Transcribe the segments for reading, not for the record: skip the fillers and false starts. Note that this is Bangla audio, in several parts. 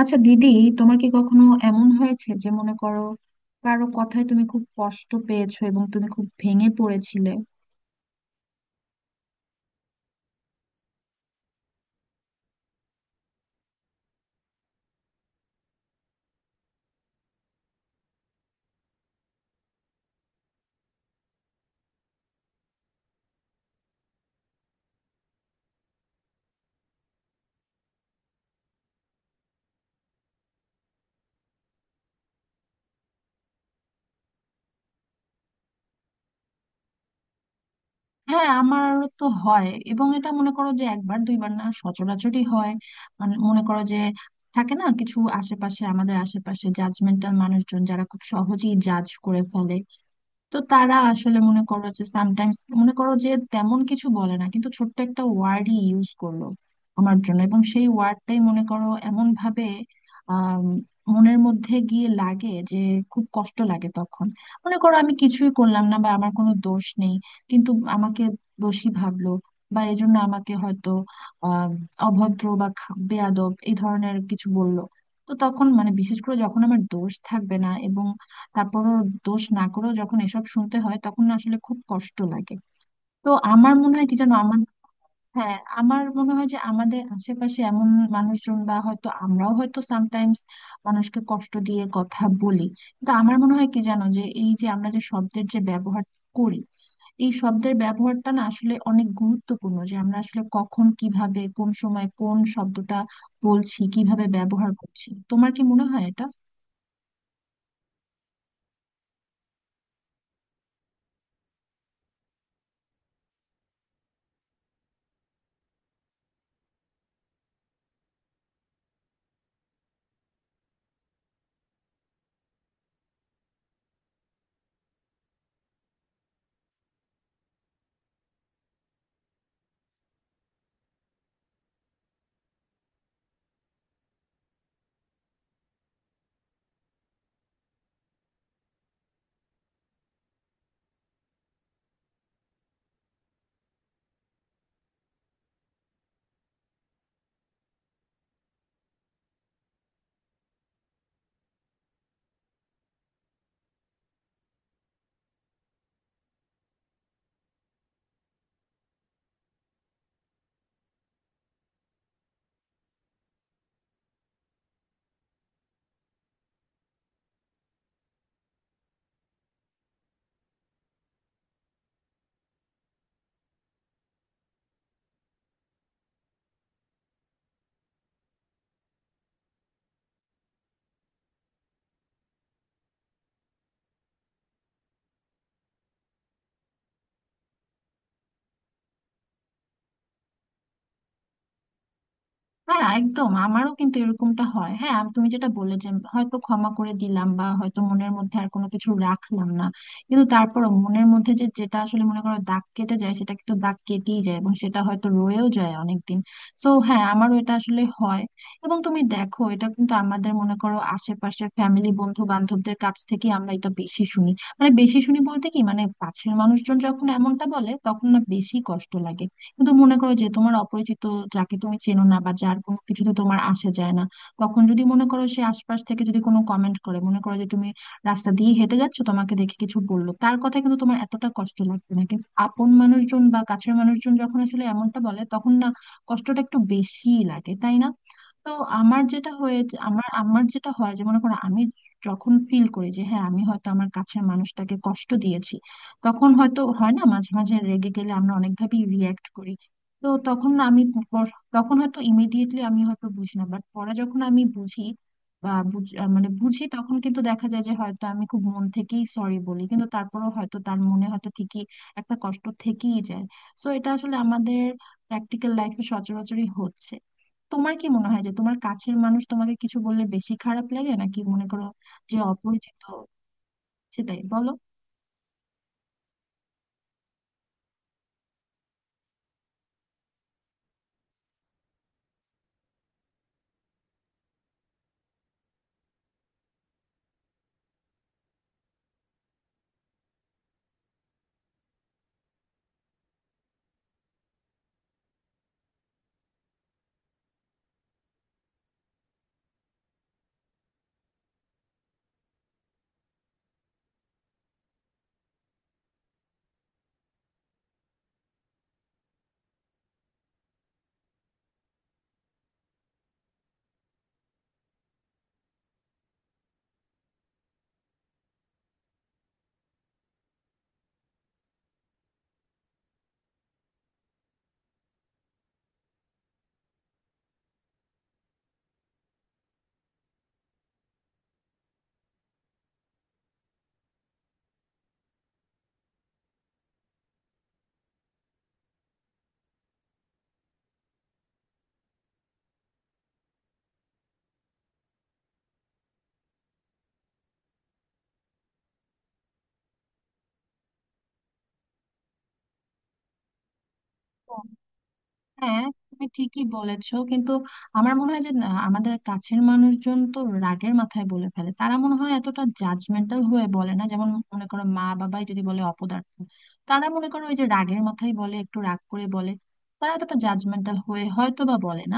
আচ্ছা দিদি, তোমার কি কখনো এমন হয়েছে যে মনে করো কারো কথায় তুমি খুব কষ্ট পেয়েছো এবং তুমি খুব ভেঙে পড়েছিলে? হ্যাঁ আমার তো হয়, এবং এটা মনে করো যে একবার দুইবার না, সচরাচরই হয়। মানে মনে করো যে থাকে না কিছু আশেপাশে, আমাদের আশেপাশে জাজমেন্টাল মানুষজন যারা খুব সহজেই জাজ করে ফেলে। তো তারা আসলে মনে করো যে সামটাইমস মনে করো যে তেমন কিছু বলে না, কিন্তু ছোট্ট একটা ওয়ার্ডই ইউজ করলো আমার জন্য, এবং সেই ওয়ার্ডটাই মনে করো এমন ভাবে আম, মনের মধ্যে গিয়ে লাগে যে খুব কষ্ট লাগে তখন। মনে করো আমি কিছুই করলাম না বা আমার কোনো দোষ নেই, কিন্তু আমাকে দোষী ভাবলো, বা এজন্য আমাকে হয়তো আহ অভদ্র বা বেয়াদব এই ধরনের কিছু বললো। তো তখন মানে বিশেষ করে যখন আমার দোষ থাকবে না, এবং তারপরও দোষ না করেও যখন এসব শুনতে হয়, তখন না আসলে খুব কষ্ট লাগে। তো আমার মনে হয় কি জানো আমার, হ্যাঁ আমার মনে হয় যে আমাদের আশেপাশে এমন মানুষজন, বা হয়তো আমরাও হয়তো সামটাইমস মানুষকে কষ্ট দিয়ে কথা বলি। কিন্তু আমার মনে হয় কি জানো, যে এই যে আমরা যে শব্দের যে ব্যবহার করি, এই শব্দের ব্যবহারটা না আসলে অনেক গুরুত্বপূর্ণ, যে আমরা আসলে কখন কিভাবে কোন সময় কোন শব্দটা বলছি, কিভাবে ব্যবহার করছি। তোমার কি মনে হয় এটা? হ্যাঁ একদম, আমারও কিন্তু এরকমটা হয়। হ্যাঁ তুমি যেটা বললে যে হয়তো ক্ষমা করে দিলাম বা হয়তো মনের মধ্যে আর কোনো কিছু রাখলাম না, কিন্তু তারপরও মনের মধ্যে যে যেটা আসলে মনে করো দাগ কেটে যায়, সেটা কিন্তু দাগ কেটেই যায়, এবং সেটা হয়তো রয়েও যায় অনেকদিন। সো হ্যাঁ, আমারও এটা আসলে হয়। এবং তুমি দেখো এটা কিন্তু আমাদের মনে করো আশেপাশের ফ্যামিলি বন্ধু বান্ধবদের কাছ থেকে আমরা এটা বেশি শুনি। মানে বেশি শুনি বলতে কি, মানে কাছের মানুষজন যখন এমনটা বলে তখন না বেশি কষ্ট লাগে। কিন্তু মনে করো যে তোমার অপরিচিত, যাকে তুমি চেনো না বা যার কোনো কিছুতে তোমার আসা যায় না, তখন যদি মনে করো সে আশপাশ থেকে যদি কোনো কমেন্ট করে, মনে করো যে তুমি রাস্তা দিয়ে হেঁটে যাচ্ছো, তোমাকে দেখে কিছু বললো, তার কথা কিন্তু তোমার এতটা কষ্ট লাগবে না। কিন্তু আপন মানুষজন বা কাছের মানুষজন যখন আসলে এমনটা বলে তখন না কষ্টটা একটু বেশিই লাগে, তাই না? তো আমার যেটা হয়েছে, আমার আমার যেটা হয় যে মনে করো আমি যখন ফিল করি যে হ্যাঁ আমি হয়তো আমার কাছের মানুষটাকে কষ্ট দিয়েছি, তখন হয়তো হয় না মাঝে মাঝে রেগে গেলে আমরা অনেকভাবেই রিয়্যাক্ট করি। তো তখন না আমি তখন হয়তো ইমিডিয়েটলি আমি হয়তো বুঝি না, বাট পরে যখন আমি বুঝি বা মানে বুঝি, তখন কিন্তু দেখা যায় যে হয়তো আমি খুব মন থেকেই সরি বলি, কিন্তু তারপরেও হয়তো তার মনে হয়তো ঠিকই একটা কষ্ট থেকেই যায়। সো এটা আসলে আমাদের প্র্যাকটিক্যাল লাইফে সচরাচরই হচ্ছে। তোমার কি মনে হয় যে তোমার কাছের মানুষ তোমাকে কিছু বললে বেশি খারাপ লাগে, নাকি মনে করো যে অপরিচিত? সেটাই বলো। হ্যাঁ তুমি ঠিকই বলেছো, কিন্তু আমার মনে হয় যে না, আমাদের কাছের মানুষজন তো রাগের মাথায় বলে ফেলে, তারা মনে হয় এতটা জাজমেন্টাল হয়ে বলে না। যেমন মনে করো মা বাবাই যদি বলে অপদার্থ, তারা মনে করো ওই যে রাগের মাথায় বলে, একটু রাগ করে বলে, তারা এতটা জাজমেন্টাল হয়ে হয়তো বা বলে না।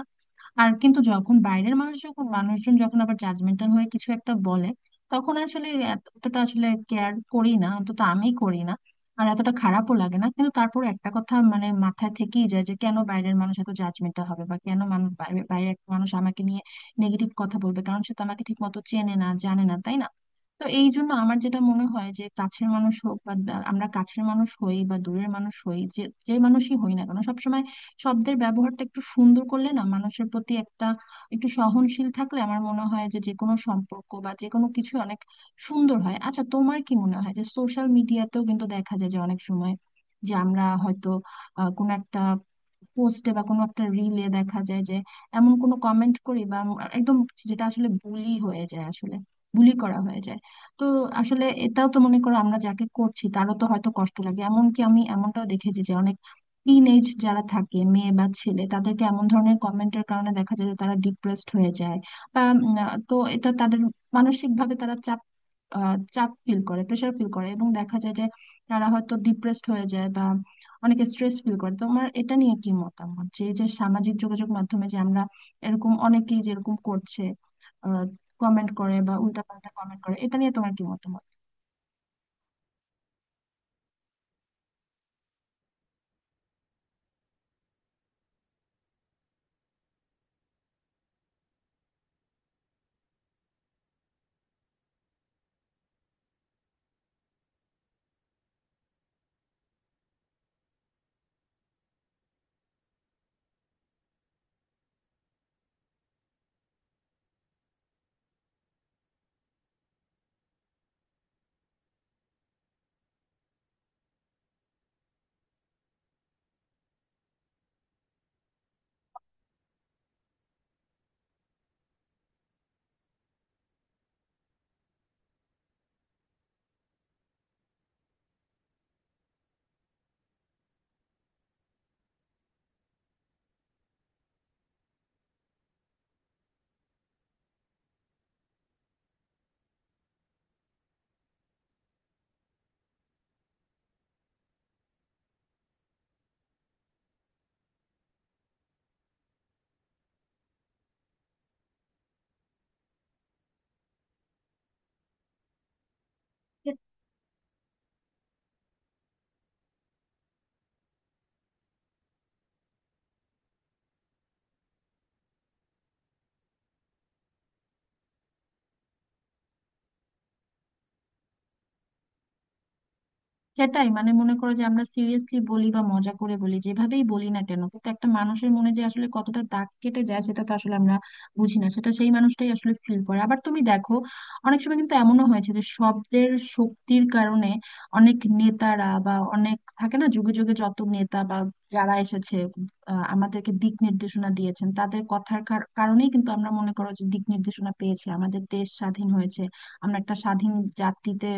আর কিন্তু যখন বাইরের মানুষ, যখন মানুষজন যখন আবার জাজমেন্টাল হয়ে কিছু একটা বলে, তখন আসলে এতটা আসলে কেয়ার করি না, অন্তত আমি করি না। আর এতটা খারাপও লাগে না, কিন্তু তারপর একটা কথা মানে মাথায় থেকেই যায় যে কেন বাইরের মানুষ এত জাজমেন্টাল হবে, বা কেন মানুষ বাইরে বাইরে একটা মানুষ আমাকে নিয়ে নেগেটিভ কথা বলবে? কারণ সে তো আমাকে ঠিক মতো চেনে না জানে না, তাই না? তো এই জন্য আমার যেটা মনে হয় যে কাছের মানুষ হোক বা আমরা কাছের মানুষ হই বা দূরের মানুষ হই, যে যে মানুষই হই না কেন, সবসময় শব্দের ব্যবহারটা একটু সুন্দর করলে না, মানুষের প্রতি একটা একটু সহনশীল থাকলে, আমার মনে হয় যে যে কোনো সম্পর্ক বা যে কোনো কিছু অনেক সুন্দর হয়। আচ্ছা তোমার কি মনে হয় যে সোশ্যাল মিডিয়াতেও কিন্তু দেখা যায় যে অনেক সময় যে আমরা হয়তো কোনো একটা পোস্টে বা কোনো একটা রিলে দেখা যায় যে এমন কোনো কমেন্ট করি বা একদম যেটা আসলে বুলি হয়ে যায় আসলে, বুলি করা হয়ে যায়। তো আসলে এটাও তো মনে করো আমরা যাকে করছি তারও তো হয়তো কষ্ট লাগে। এমনকি আমি এমনটাও দেখেছি যে অনেক টিন এজ যারা থাকে, মেয়ে বা ছেলে, তাদেরকে এমন ধরনের কমেন্টের কারণে দেখা যায় যে তারা ডিপ্রেসড হয়ে যায় বা তো এটা তাদের মানসিক ভাবে তারা চাপ, চাপ ফিল করে, প্রেশার ফিল করে, এবং দেখা যায় যে তারা হয়তো ডিপ্রেসড হয়ে যায় বা অনেকে স্ট্রেস ফিল করে। তোমার এটা নিয়ে কি মতামত যে এই যে সামাজিক যোগাযোগ মাধ্যমে যে আমরা এরকম অনেকেই যেরকম করছে আহ কমেন্ট করে বা উল্টাপাল্টা কমেন্ট করে, এটা নিয়ে তোমার কি মতামত? সেটাই, মানে মনে করো যে আমরা সিরিয়াসলি বলি বা মজা করে বলি, যেভাবেই বলি না কেন, কিন্তু একটা মানুষের মনে যে আসলে কতটা দাগ কেটে যায় সেটা তো আসলে আমরা বুঝি না, সেটা সেই মানুষটাই আসলে ফিল করে। আবার তুমি দেখো অনেক সময় কিন্তু এমনও হয়েছে যে শব্দের শক্তির কারণে অনেক নেতারা বা অনেক থাকে না যুগে যুগে যত নেতা বা যারা এসেছে আমাদেরকে দিক নির্দেশনা দিয়েছেন, তাদের কথার কারণেই কিন্তু আমরা মনে করো যে দিক নির্দেশনা পেয়েছে, আমাদের দেশ স্বাধীন হয়েছে, আমরা একটা স্বাধীন জাতিতে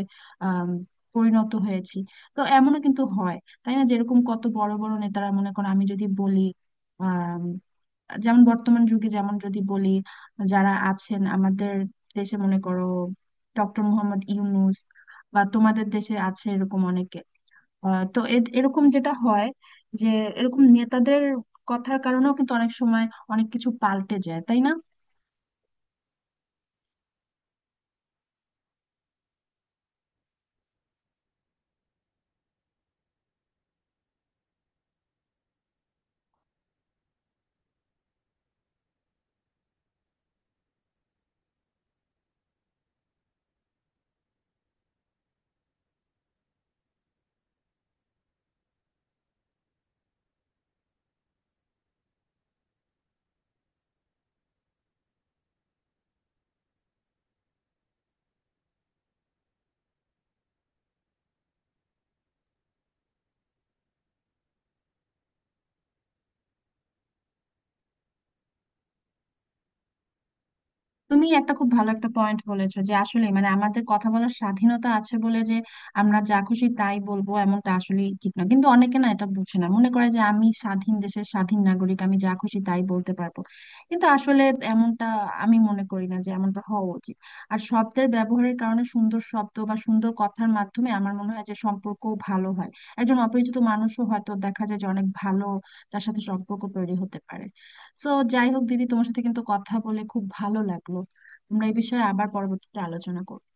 আহ পরিণত হয়েছি। তো এমনও কিন্তু হয়, তাই না? যেরকম কত বড় বড় নেতারা, মনে করো আমি যদি বলি আহ যেমন বর্তমান যুগে যেমন যদি বলি, যারা আছেন আমাদের দেশে মনে করো ডক্টর মোহাম্মদ ইউনূস, বা তোমাদের দেশে আছে এরকম অনেকে। তো এরকম যেটা হয় যে এরকম নেতাদের কথার কারণেও কিন্তু অনেক সময় অনেক কিছু পাল্টে যায়, তাই না? তুমি একটা খুব ভালো একটা পয়েন্ট বলেছো, যে আসলে মানে আমাদের কথা বলার স্বাধীনতা আছে বলে যে আমরা যা খুশি তাই বলবো, এমনটা আসলে ঠিক না। কিন্তু অনেকে না এটা বুঝে না, মনে করে যে আমি স্বাধীন দেশের স্বাধীন নাগরিক আমি যা খুশি তাই বলতে পারবো। কিন্তু আসলে এমনটা, আমি মনে করি না যে এমনটা হওয়া উচিত। আর শব্দের ব্যবহারের কারণে, সুন্দর শব্দ বা সুন্দর কথার মাধ্যমে আমার মনে হয় যে সম্পর্ক ভালো হয়। একজন অপরিচিত মানুষও হয়তো দেখা যায় যে অনেক ভালো, তার সাথে সম্পর্ক তৈরি হতে পারে। সো যাই হোক দিদি, তোমার সাথে কিন্তু কথা বলে খুব ভালো লাগলো। আমরা এই বিষয়ে আবার পরবর্তীতে আলোচনা করবো।